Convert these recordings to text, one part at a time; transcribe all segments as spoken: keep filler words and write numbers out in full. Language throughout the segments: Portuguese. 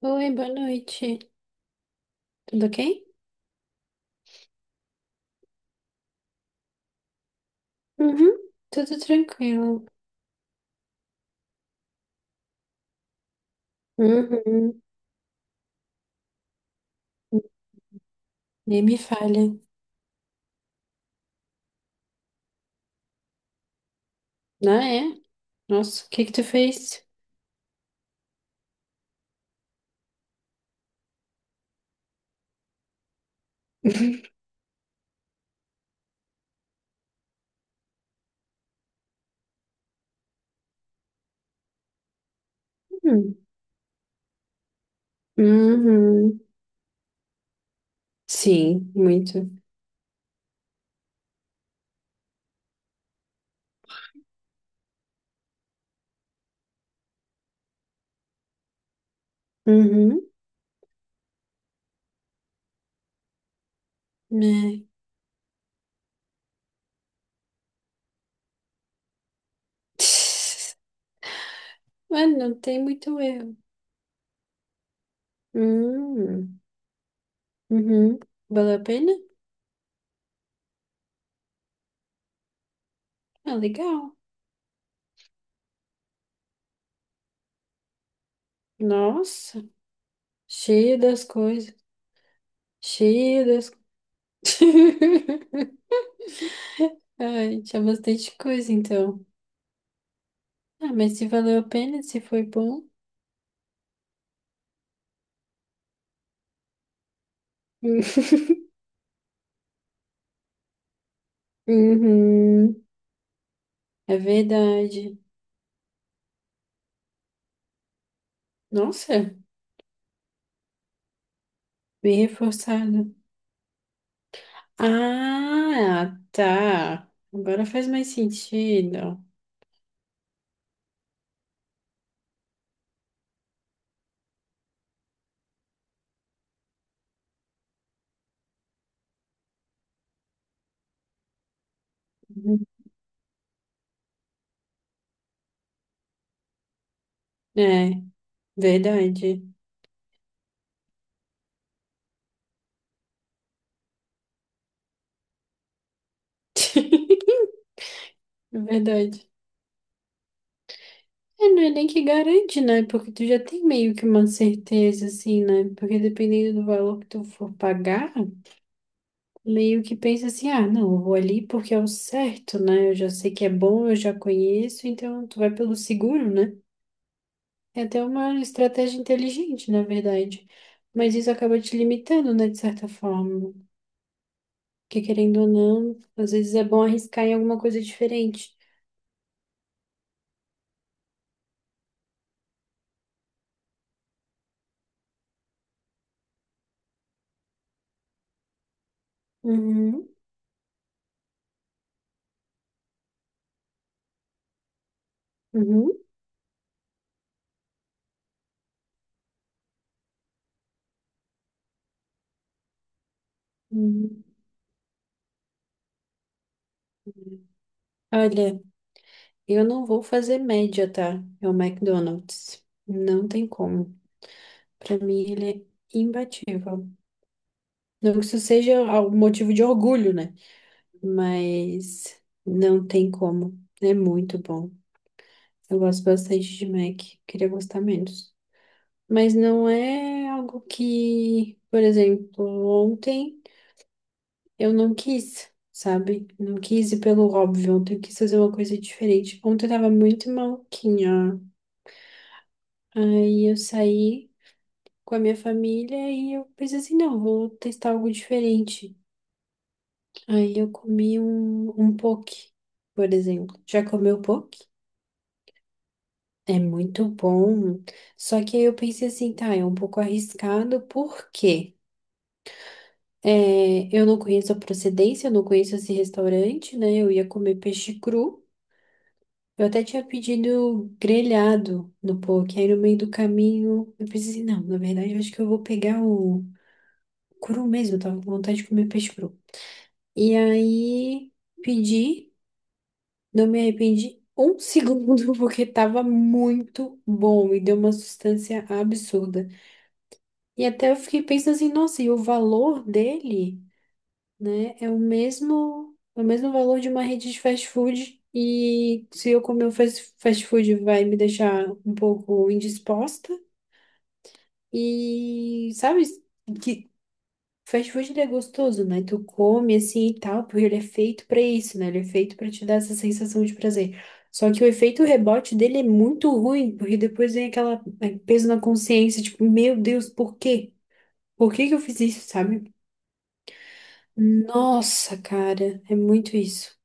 Oi, boa noite. Tudo ok? Uhum, tudo tranquilo. Uhum. Nem me falha. Ah, é? Nossa, o que que tu fez? Uhum. Uhum. Sim, muito. Uhum. É. Mano, não tem muito erro. Uhum. Uhum. Valeu a pena? Ah, legal. Nossa, cheia das coisas. Cheia das... Ai, tinha bastante coisa, então. Ah, mas se valeu a pena, se foi bom. Uhum, é verdade. Nossa, bem reforçado. Ah, tá. Agora faz mais sentido. Uhum. É, verdade. Verdade. É, não é nem que garante, né? Porque tu já tem meio que uma certeza, assim, né? Porque dependendo do valor que tu for pagar. meio que pensa assim, ah, não, eu vou ali porque é o certo, né? Eu já sei que é bom, eu já conheço, então tu vai pelo seguro, né? É até uma estratégia inteligente, na verdade. Mas isso acaba te limitando, né, de certa forma. Porque querendo ou não, às vezes é bom arriscar em alguma coisa diferente. Uhum, uhum, uhum. Olha, eu não vou fazer média, tá? É o McDonald's. Não tem como. Pra mim, ele é imbatível. Não que isso seja o motivo de orgulho, né? mas não tem como. É muito bom. Eu gosto bastante de Mac, queria gostar menos. Mas não é algo que, por exemplo, ontem eu não quis, sabe? Não quis ir pelo óbvio, ontem eu quis fazer uma coisa diferente. Ontem eu tava muito maluquinha. Aí eu saí com a minha família e eu pensei assim, não, vou testar algo diferente. Aí eu comi um, um poke, por exemplo. Já comeu poke? É muito bom. Só que aí eu pensei assim, tá, é um pouco arriscado, porque eu não conheço a procedência, eu não conheço esse restaurante, né? Eu ia comer peixe cru. Eu até tinha pedido grelhado no poke, aí no meio do caminho eu pensei assim, não, na verdade eu acho que eu vou pegar o cru mesmo, eu tava com vontade de comer peixe cru. E aí pedi, não me arrependi um segundo, porque tava muito bom e deu uma sustância absurda. E até eu fiquei pensando assim, nossa, e o valor dele, né, é o mesmo, é o mesmo valor de uma rede de fast food. E se eu comer o fast fast food vai me deixar um pouco indisposta. E sabe que fast food ele é gostoso, né? Tu come assim e tal, porque ele é feito pra isso, né? Ele é feito pra te dar essa sensação de prazer. Só que o efeito rebote dele é muito ruim, porque depois vem aquela eh, peso na consciência, tipo, meu Deus, por quê? Por que que eu fiz isso, sabe? Nossa, cara, é muito isso.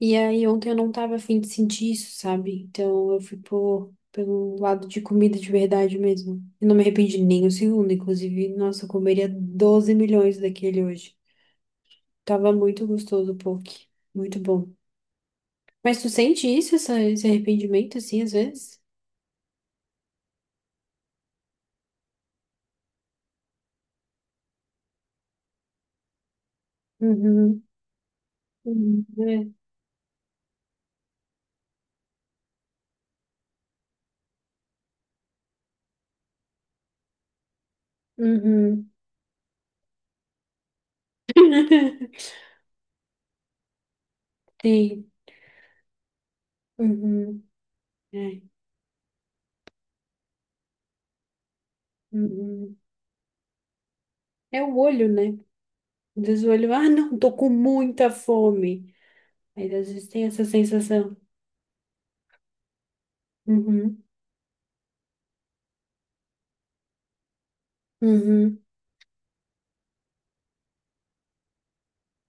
E aí, ontem eu não tava afim de sentir isso, sabe? Então eu fui por, pelo lado de comida de verdade mesmo. E não me arrependi nem um segundo, inclusive. Nossa, eu comeria doze milhões daquele hoje. Tava muito gostoso o poke. Muito bom. Mas tu sente isso, essa- esse arrependimento, assim, às vezes? Uhum. Uhum. É. Uhum. Sim. Uhum. É. Uhum. É o olho, né? Diz o olho, ah, não, tô com muita fome. Aí às vezes tem essa sensação. Uhum, uhum,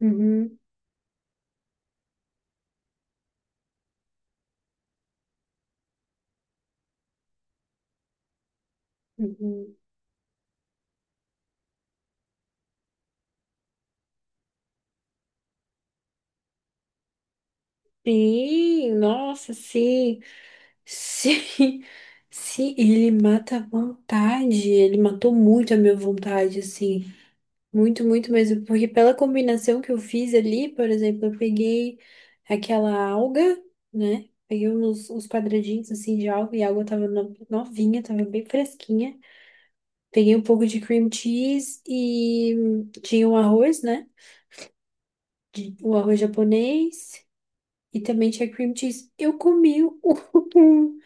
uhum, uhum. Sim, nossa, sim, sim, sim, ele mata a vontade, ele matou muito a minha vontade, assim, muito, muito mesmo, porque pela combinação que eu fiz ali, por exemplo, eu peguei aquela alga, né, peguei uns, uns quadradinhos, assim, de alga, e a alga tava no- novinha, tava bem fresquinha. Peguei um pouco de cream cheese e tinha o arroz, né? De- O arroz japonês e também tinha cream cheese. Eu comi um,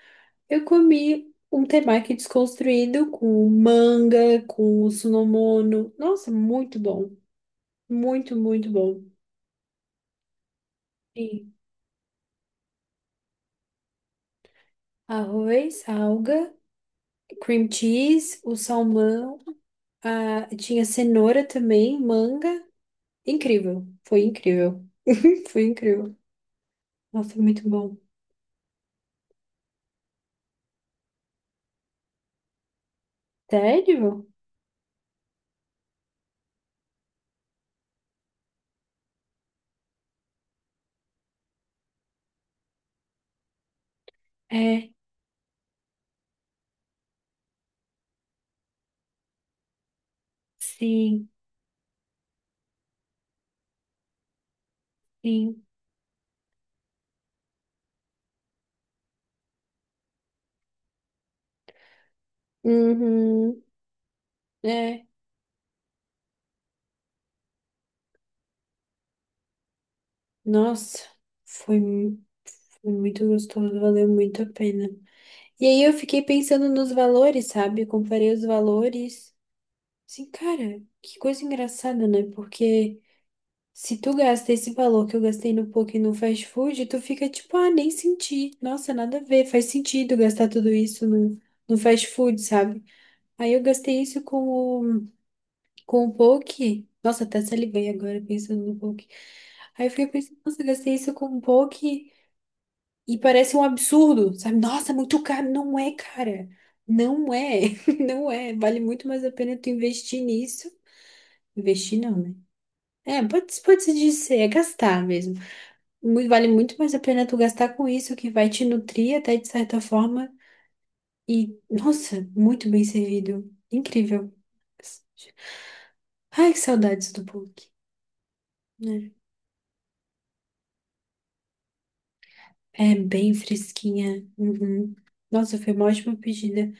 eu comi um temaki desconstruído com manga, com sunomono. Nossa, muito bom. Muito, muito bom. E arroz, alga, cream cheese, o salmão, a... tinha cenoura também, manga. Incrível. Foi incrível. Foi incrível. Nossa, muito bom. Sério? É, sim, sim. Uhum, é. Nossa, foi, mu- foi muito gostoso, valeu muito a pena. E aí eu fiquei pensando nos valores, sabe? Eu comparei os valores. Assim, cara, que coisa engraçada, né? Porque se tu gasta esse valor que eu gastei no poke e no fast food, tu fica tipo, ah, nem senti. Nossa, nada a ver, faz sentido gastar tudo isso no, no fast food, sabe? Aí eu gastei isso com o Com o poke? Nossa, até salivei agora pensando no poke. Aí eu fiquei pensando, nossa, eu gastei isso com poke e parece um absurdo, sabe? Nossa, é muito caro. Não é, cara. Não é. Não é. Vale muito mais a pena tu investir nisso. Investir não, né? É, pode, pode se dizer, é gastar mesmo. Mu- Vale muito mais a pena tu gastar com isso, que vai te nutrir até de certa forma. E, nossa, muito bem servido. Incrível. Ai, que saudades do poke. né? É bem fresquinha. Uhum. Nossa, foi uma ótima pedida.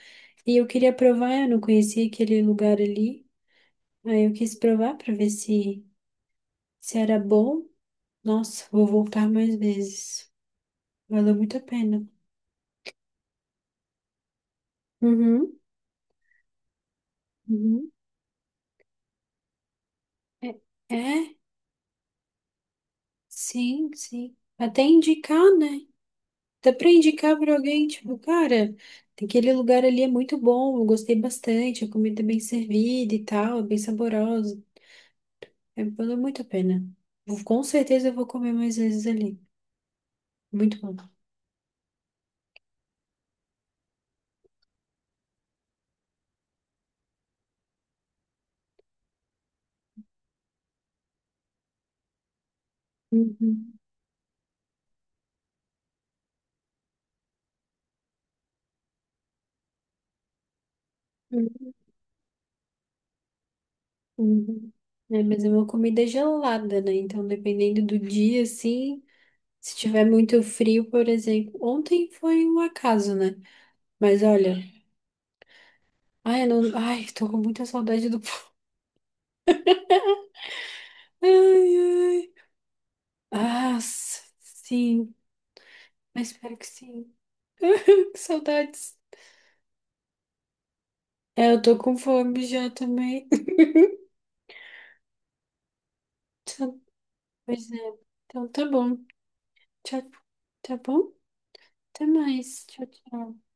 E eu queria provar, eu não conhecia aquele lugar ali. Aí eu quis provar para ver se, se era bom. Nossa, vou voltar mais vezes. Valeu muito a pena. Uhum, uhum. É, é, sim, sim. Até indicar, né? Até para indicar para alguém, tipo, cara, aquele lugar ali é muito bom, eu gostei bastante, a comida é bem servida e tal, é bem saborosa. É, valeu muito a pena. Vou- com certeza eu vou comer mais vezes ali. Muito bom. Uhum, uhum, uhum. É, mas é uma comida gelada, né? Então, dependendo do dia, assim, se tiver muito frio, por exemplo. Ontem foi um acaso, né? Mas olha, ai, eu não, ai, tô com muita saudade do. Ai, ai. Ah, s- sim, mas espero que sim. Que saudades. É, eu tô com fome já também. Então, Pois é. Então tá bom. Tá, tá bom? Até mais. Tchau, tchau.